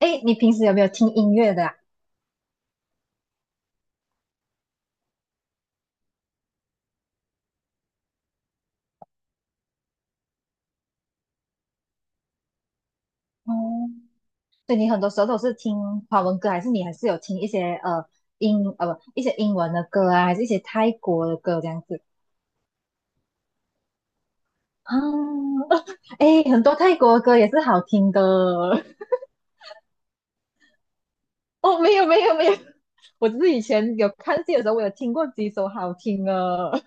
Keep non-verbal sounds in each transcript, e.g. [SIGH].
哎，你平时有没有听音乐的啊？哦，所以你很多时候都是听华文歌，还是你还是有听一些呃英呃不一些英文的歌啊，还是一些泰国的歌这样子啊？[LAUGHS] 哎，很多泰国的歌也是好听的 [LAUGHS] 哦。没有没有没有，我只是以前有看戏的时候，我有听过几首好听的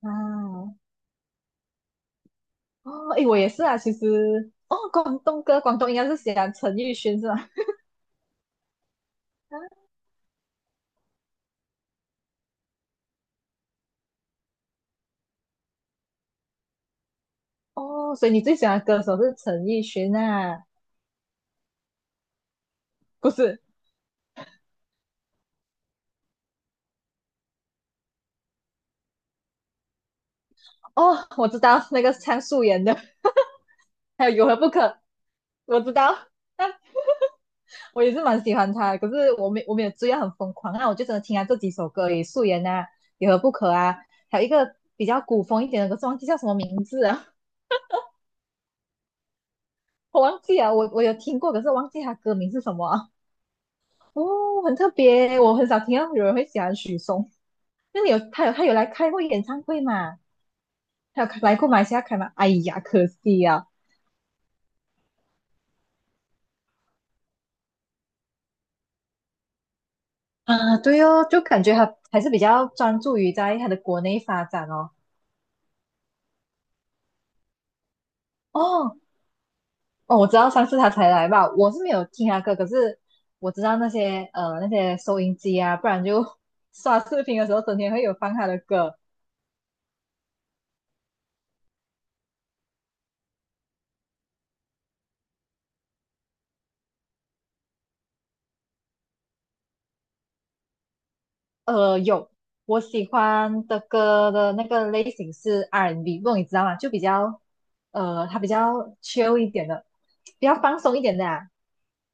[LAUGHS] 啊。哦，哎，我也是啊，其实哦，广东歌，广东应该是喜欢陈奕迅是吧？哦，所以你最喜欢的歌手是陈奕迅啊？不是？哦，我知道那个唱素颜的，还有有何不可，我知道。但我也是蛮喜欢他的，可是我没有追到很疯狂，那我就只能听他这几首歌而已，素颜啊，有何不可啊，还有一个比较古风一点的，可是忘记叫什么名字啊。我忘记了，我有听过，可是忘记他歌名是什么啊。哦，很特别，我很少听到有人会喜欢许嵩。那你有他有他有来开过演唱会嘛？他有来过马来西亚开吗？哎呀，可惜啊！啊，对哦，就感觉他还是比较专注于在他的国内发展哦。哦哦，我知道上次他才来吧，我是没有听他歌，可是我知道那些收音机啊，不然就 [LAUGHS] 刷视频的时候整天会有放他的歌。有，我喜欢的歌的那个类型是 R&B,不，你知道吗？就比较，它比较 chill 一点的，比较放松一点的啊。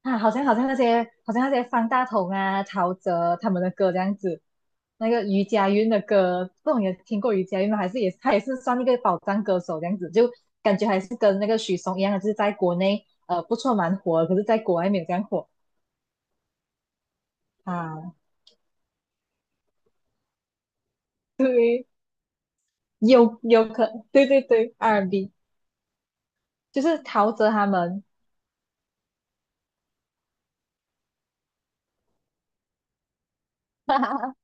啊好像好像那些好像那些方大同啊、陶喆他们的歌这样子，那个余佳运的歌，不懂你有听过余佳运吗？还是他也是算一个宝藏歌手这样子，就感觉还是跟那个许嵩一样，的，就是在国内不错蛮火的，可是在国外没有这样火啊。对，有有可，对对对，R&B。就是陶喆他们 [LAUGHS]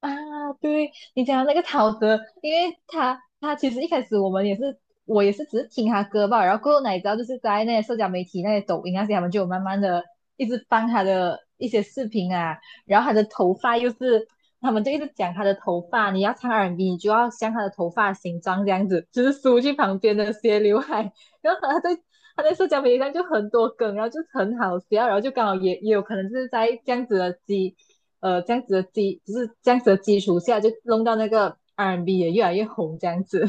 啊，对你讲的那个陶喆，因为他其实一开始我也是只是听他歌吧，然后过后哪知道就是在那些社交媒体、那些抖音那些，他们就有慢慢的一直放他的一些视频啊。然后他的头发又是，他们就一直讲他的头发，你要唱 R&B 你就要像他的头发形状这样子，就是梳去旁边的斜刘海，[LAUGHS] 然后他在社交媒体上就很多梗，然后就很好笑，然后就刚好也有可能是在这样子的基础下，就弄到那个 R&B 也越来越红这样子。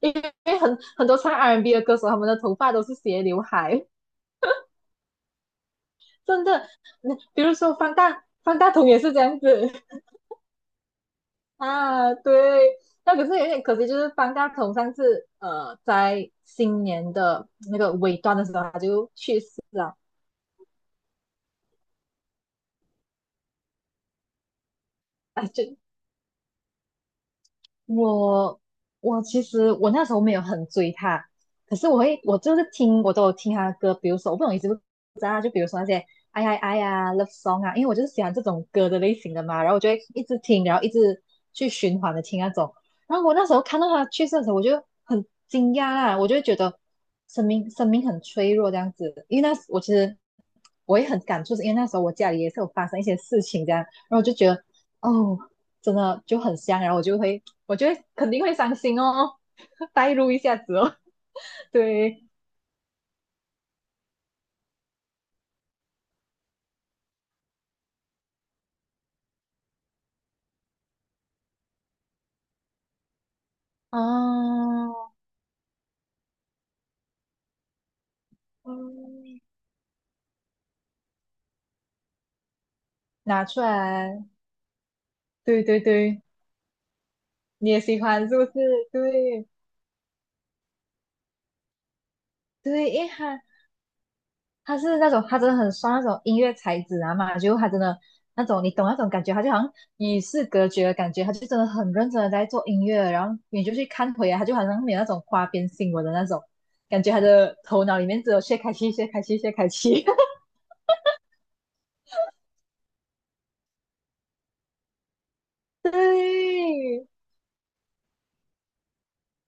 因为很多唱 R&B 的歌手，他们的头发都是斜刘海，真的。那比如说方大同也是这样子啊，对。那可是有点可惜，就是方大同上次在新年的那个尾端的时候他就去世了。哎，就我我其实那时候没有很追他，可是我会我就是听我都有听他的歌，比如说我不懂你知不就比如说那些哎呀哎啊 love song 啊，因为我就是喜欢这种歌的类型的嘛，然后我就会一直听，然后一直去循环的听那种。然后我那时候看到他去世的时候，我就很惊讶啦，我就会觉得生命很脆弱这样子，因为那时我其实也很感触，是因为那时候我家里也是有发生一些事情这样，然后我就觉得哦，真的就很香，然后我就会肯定会伤心哦，[LAUGHS] 代入一下子哦，对啊。嗯，拿出来，对对对，你也喜欢是不是？对对，因为他是那种他真的很刷那种音乐才子啊嘛，就他真的那种你懂那种感觉，他就好像与世隔绝的感觉，他就真的很认真的在做音乐，然后你就去看回来，他就好像没有那种花边新闻的那种感觉，他的头脑里面只有薛凯琪、薛凯琪、薛凯琪。[LAUGHS] 对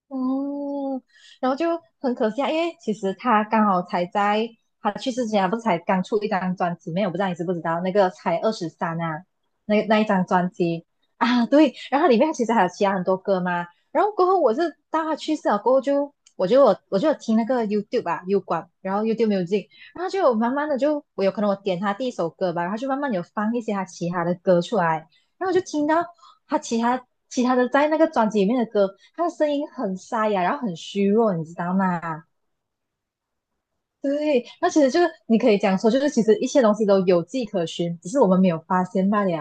哦，然后就很可惜啊，因为其实他刚好才在他去世之前啊，他不是才刚出一张专辑没有？我不知道你知不知道，那个才23啊，那一张专辑啊，对，然后里面其实还有其他很多歌嘛。然后过后我是到他去世了过后就，我就有听那个 YouTube 吧、u 管，然后 YouTube Music,然后就有慢慢的就我有可能我点他第一首歌吧，然后就慢慢有放一些他其他的歌出来，然后我就听到他其他的在那个专辑里面的歌，他的声音很沙哑，然后很虚弱，你知道吗？对，那其实就是你可以讲说，就是其实一些东西都有迹可循，只是我们没有发现罢了。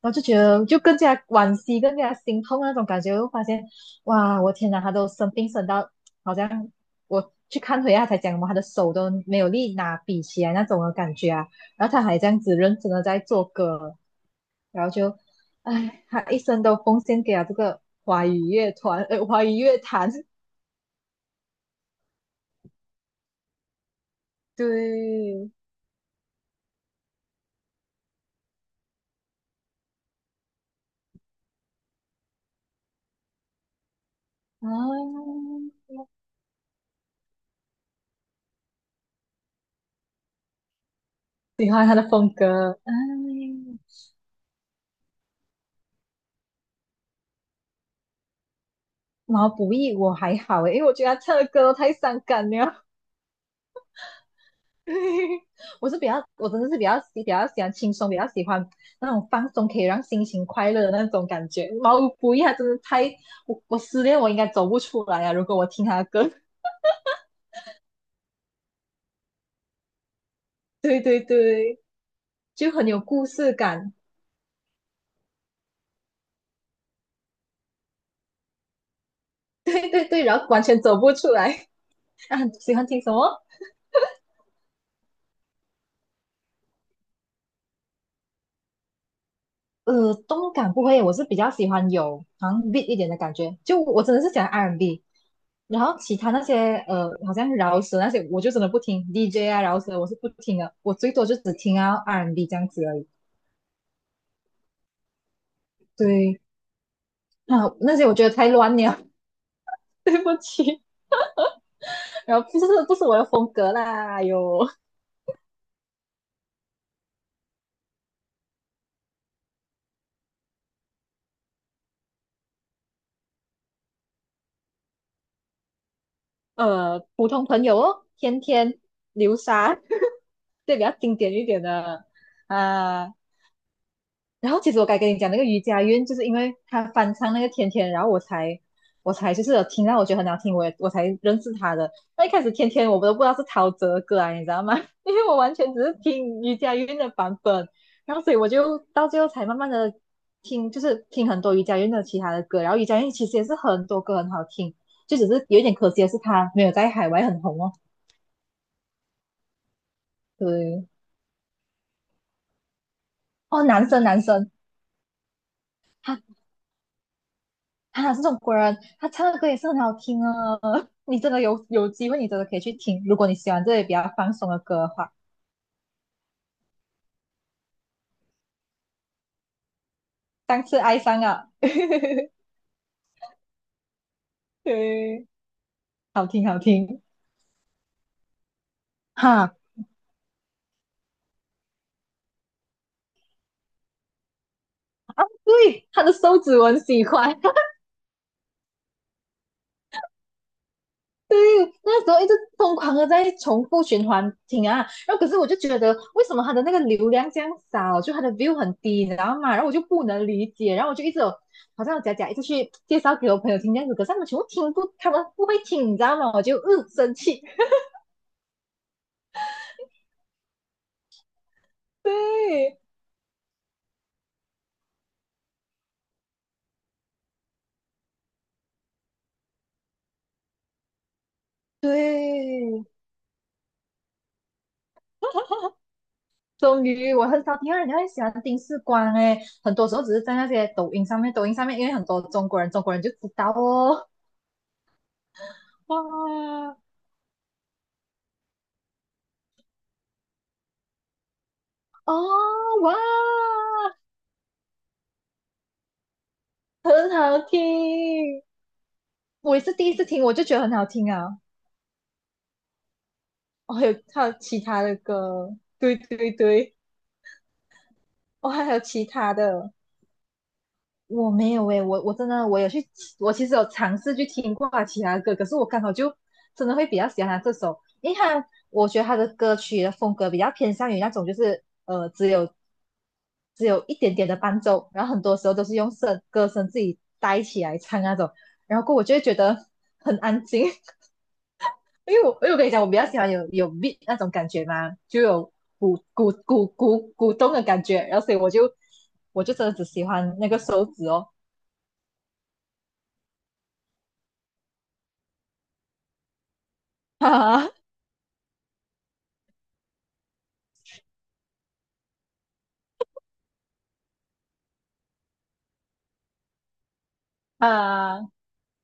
然后就觉得就更加惋惜，更加心痛啊那种感觉。我发现，哇，我天哪，他都生病生到好像我去看回他才讲嘛，他的手都没有力拿笔起来那种的感觉啊。然后他还这样子认真的在做歌，然后就，唉，他一生都奉献给了这个华语乐坛。对，啊。喜欢他的风格。嗯。毛不易我还好诶，因为我觉得他唱的歌都太伤感了。[LAUGHS] 我是比较，我真的是比较比较喜欢轻松，比较喜欢那种放松，可以让心情快乐的那种感觉。毛不易他真的太，我失恋我应该走不出来啊！如果我听他的歌，[LAUGHS] 对对对，就很有故事感，[LAUGHS] 对对对，然后完全走不出来。[LAUGHS] 啊，喜欢听什么？动感不会，我是比较喜欢有好像 beat 一点的感觉，就我真的是喜欢 R&B,然后其他那些好像饶舌那些，我就真的不听 DJ 啊，饶舌我是不听的，我最多就只听啊 R&B 这样子而已。对，啊，那些我觉得太乱了，[LAUGHS] 对不起，然后不是不是我的风格啦。有普通朋友哦，天天，流沙，[LAUGHS] 对，比较经典一点的啊。然后其实我该跟你讲那个瑜伽院，就是因为他翻唱那个天天，然后我才就是有听到我觉得很好听，我才认识他的。那一开始天天我都不知道是陶喆的歌啊，你知道吗？[LAUGHS] 因为我完全只是听瑜伽院的版本，然后所以我就到最后才慢慢的听，就是听很多瑜伽院的其他的歌，然后瑜伽院其实也是很多歌很好听，就只是有一点可惜的是他没有在海外很红哦。对，哦，男生男生，他他这种果然他唱的歌也是很好听啊。[LAUGHS] 你真的有机会，你真的可以去听。如果你喜欢这些比较放松的歌的话，上次爱上啊，[LAUGHS] 对，好听好听哈。对，他的手指我很喜欢，对，那时候一直疯狂的在重复循环听啊，然后可是我就觉得为什么他的那个流量这样少，就他的 view 很低，你知道吗？然后我就不能理解，然后我就一直有好像有假假一直去介绍给我朋友听这样子，可是他们全部听不，他们不会听，你知道吗？我就嗯生气。对对，终于我很少听到人家会喜欢丁世光诶，很多时候只是在那些抖音上面，抖音上面因为很多中国人，中国人就知道哦，哇哦哇。很好听。我也是第一次听，我就觉得很好听啊。哦，还有其他的歌，对对对，我还有其他的，我没有诶，我真的有去，我其实有尝试去听过他其他的歌，可是我刚好就真的会比较喜欢他这首，因为他我觉得他的歌曲的风格比较偏向于那种就是只有一点点的伴奏，然后很多时候都是用歌声自己带起来唱那种，然后过后我就会觉得很安静，因为我跟你讲，我比较喜欢有 beat 那种感觉嘛，就有鼓鼓鼓鼓鼓动的感觉，然后所以我就真的只喜欢那个手指哦，[LAUGHS] 哈哈啊，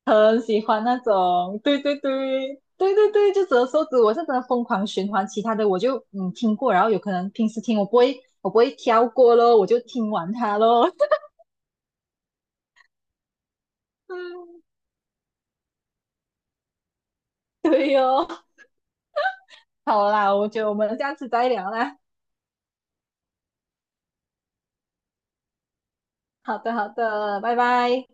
很喜欢那种，对对对对对对，就只有手指，我是真的疯狂循环，其他的我就听过，然后有可能平时听我不会挑过咯，我就听完它咯，[LAUGHS] 嗯，对哦，好啦，我觉得我们这样子再聊啦，好的好的，拜拜。